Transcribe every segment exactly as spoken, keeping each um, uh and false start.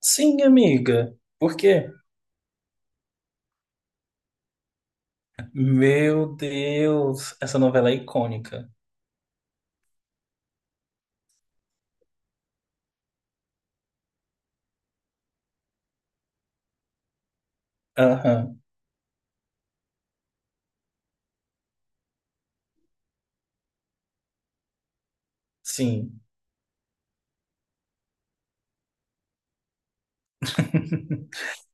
Sim, amiga. Por quê? Meu Deus, essa novela é icônica. Aham, sim.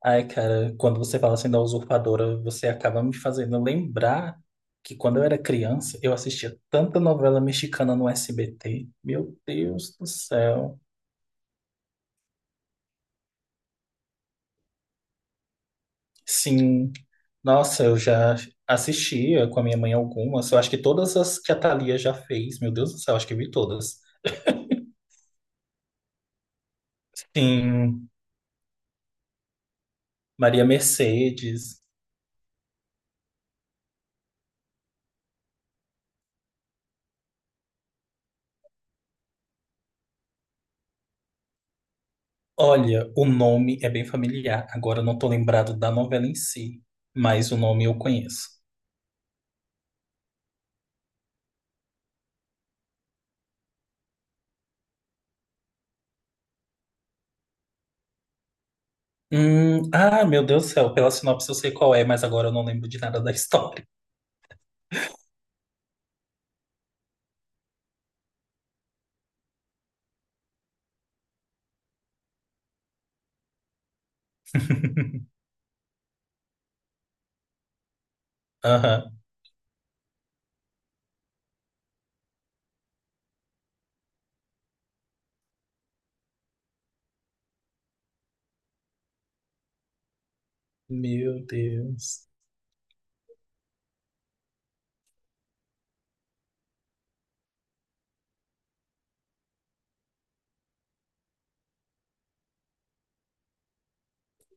Ai, cara, quando você fala assim da Usurpadora, você acaba me fazendo lembrar que quando eu era criança, eu assistia tanta novela mexicana no S B T. Meu Deus do céu. Sim. Nossa, eu já assistia com a minha mãe algumas. Eu acho que todas as que a Thalia já fez, meu Deus do céu, acho que eu vi todas. Sim, Maria Mercedes. Olha, o nome é bem familiar. Agora eu não tô lembrado da novela em si, mas o nome eu conheço. Hum, ah, meu Deus do céu, pela sinopse eu sei qual é, mas agora eu não lembro de nada da história. Aham. Meu Deus.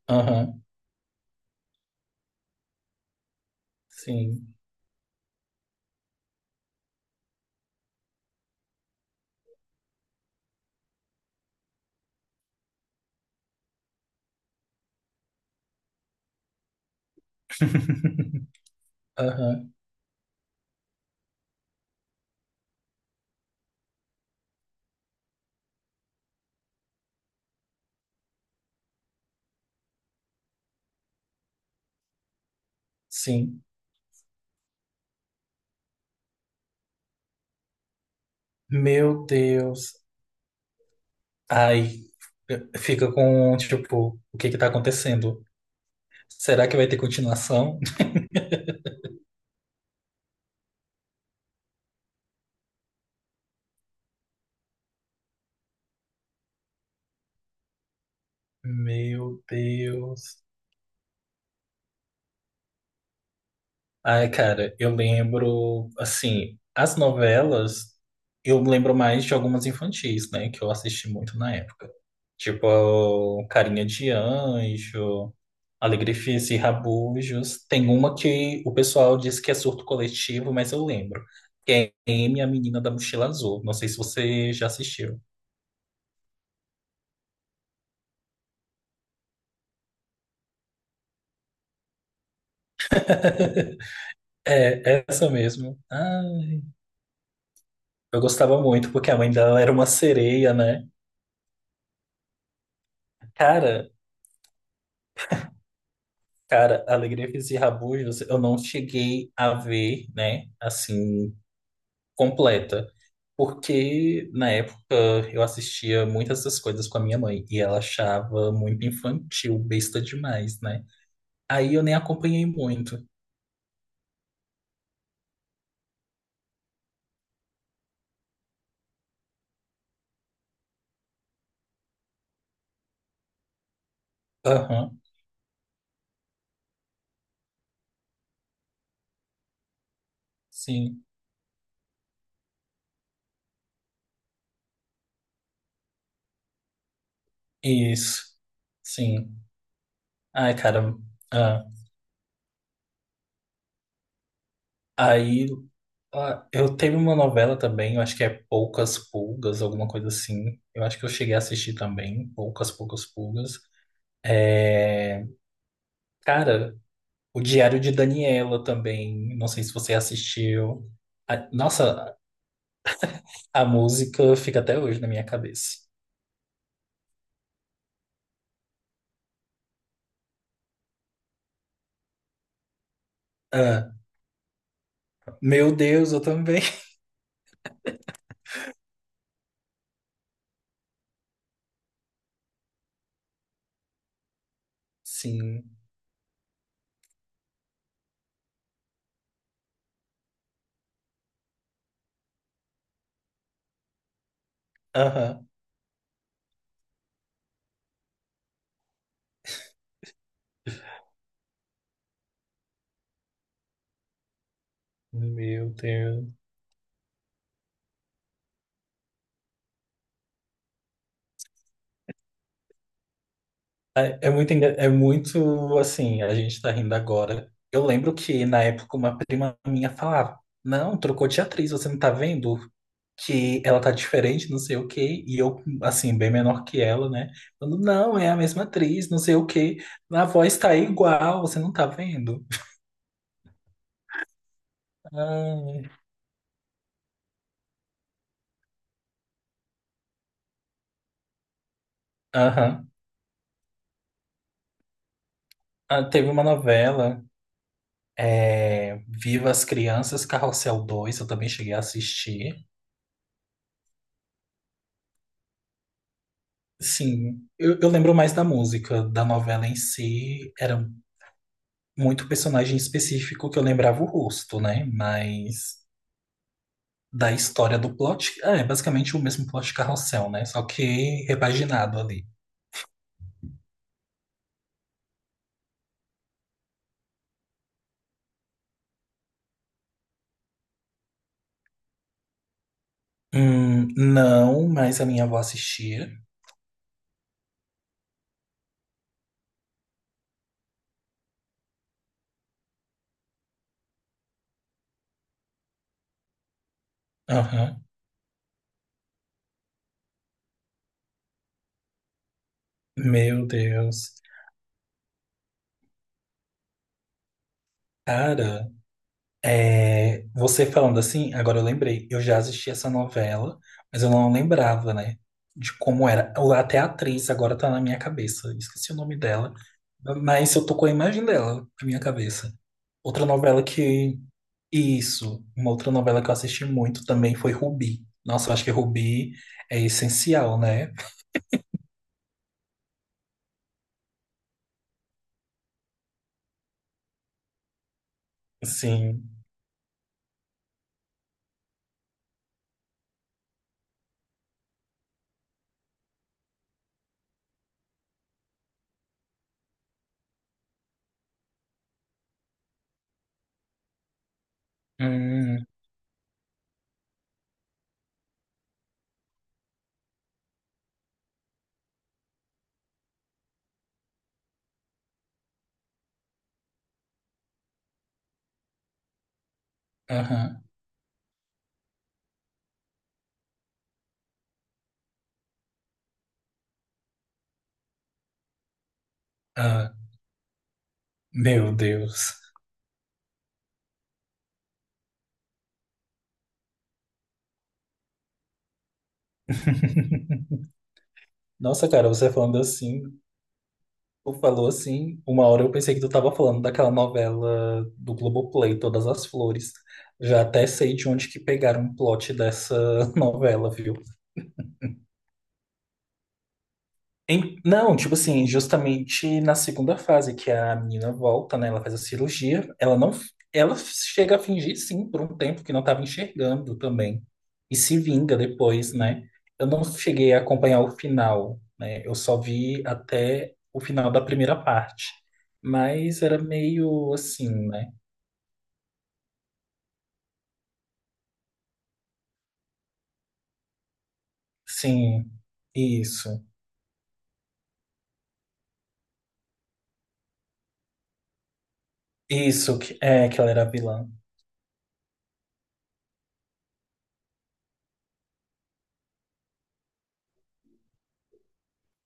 Aham. Sim. Aham. Sim. Meu Deus. Ai, fica com, tipo, o que que tá acontecendo? Será que vai ter continuação? Meu Deus. Ai, cara, eu lembro, assim, as novelas, eu lembro mais de algumas infantis, né, que eu assisti muito na época. Tipo, o Carinha de Anjo, Alegrifes e Rabujos. Tem uma que o pessoal diz que é surto coletivo, mas eu lembro. Que é Amy, a Menina da Mochila Azul. Não sei se você já assistiu. É, essa mesmo. Ai, eu gostava muito, porque a mãe dela era uma sereia, né? Cara, Cara, Alegria Física e Rabugos, eu não cheguei a ver, né, assim, completa. Porque na época eu assistia muitas dessas coisas com a minha mãe e ela achava muito infantil, besta demais, né? Aí eu nem acompanhei muito. Aham, sim. Isso, sim. Ai, cara. ah, Aí ah, eu teve uma novela também, eu acho que é Poucas Pulgas, alguma coisa assim. Eu acho que eu cheguei a assistir também, Poucas, Poucas Pulgas. É, Cara, o Diário de Daniela também. Não sei se você assistiu. A- Nossa, a música fica até hoje na minha cabeça. Ah, Meu Deus, eu também. Sim. Aham. Meu Deus. É é muito, engra- é muito assim, a gente tá rindo agora. Eu lembro que na época uma prima minha falava: Não, trocou de atriz, você não tá vendo? Que ela tá diferente, não sei o quê. E eu, assim, bem menor que ela, né? Falando: Não, é a mesma atriz, não sei o quê. A voz tá igual, você não tá vendo? Ai, Aham. Ah, teve uma novela, é, Viva as Crianças, Carrossel dois eu também cheguei a assistir. Sim, eu, eu lembro mais da música, da novela em si, era muito personagem específico que eu lembrava o rosto, né? Mas da história do plot, ah, é basicamente o mesmo plot de Carrossel, né? Só que repaginado ali. Hum, não, mas a minha avó assistia. Aham. Meu Deus. Cara, é, você falando assim, agora eu lembrei, eu já assisti essa novela, mas eu não lembrava, né, de como era. Ou Até a atriz agora tá na minha cabeça, esqueci o nome dela, mas eu tô com a imagem dela na minha cabeça. Outra novela que. Isso, uma outra novela que eu assisti muito também foi Rubi. Nossa, eu acho que Rubi é essencial, né? Sim. Hum, aham, ah, meu Deus. Nossa, cara, você falando assim. Tu falou assim, uma hora eu pensei que tu tava falando daquela novela do Globoplay, Todas as Flores. Já até sei de onde que pegaram o plot dessa novela, viu? Em- Não, tipo assim, justamente na segunda fase, que a menina volta, né? Ela faz a cirurgia, ela não. Ela chega a fingir, sim, por um tempo que não estava enxergando também. E se vinga depois, né? Eu não cheguei a acompanhar o final, né? Eu só vi até o final da primeira parte. Mas era meio assim, né? Sim, isso. Isso, que, é, que ela era vilã.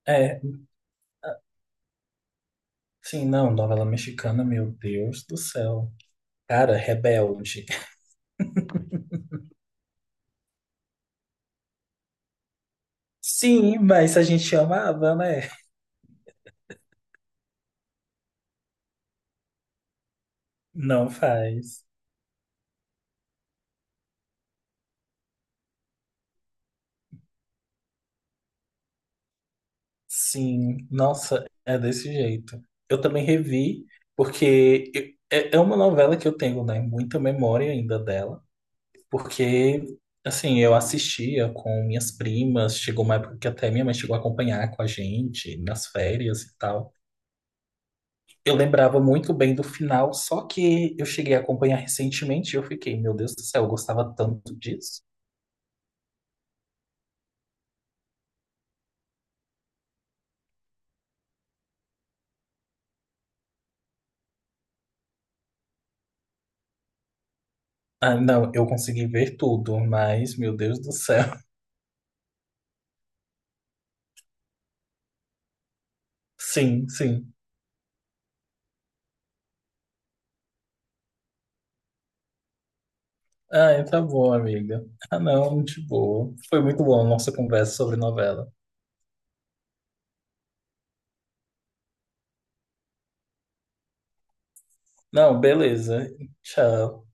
É, sim, não, novela mexicana, meu Deus do céu. Cara, Rebelde. Sim, mas a gente amava, né? Não faz. Sim, nossa, é desse jeito. Eu também revi, porque eu- é é uma novela que eu tenho, né? Muita memória ainda dela, porque, assim, eu assistia com minhas primas, chegou uma época que até minha mãe chegou a acompanhar com a gente nas férias e tal. Eu lembrava muito bem do final, só que eu cheguei a acompanhar recentemente e eu fiquei, meu Deus do céu, eu gostava tanto disso. Ah, não, eu consegui ver tudo, mas, meu Deus do céu. Sim, sim. Ah, tá bom, amiga. Ah, não, de boa. Foi muito bom a nossa conversa sobre novela. Não, beleza. Tchau.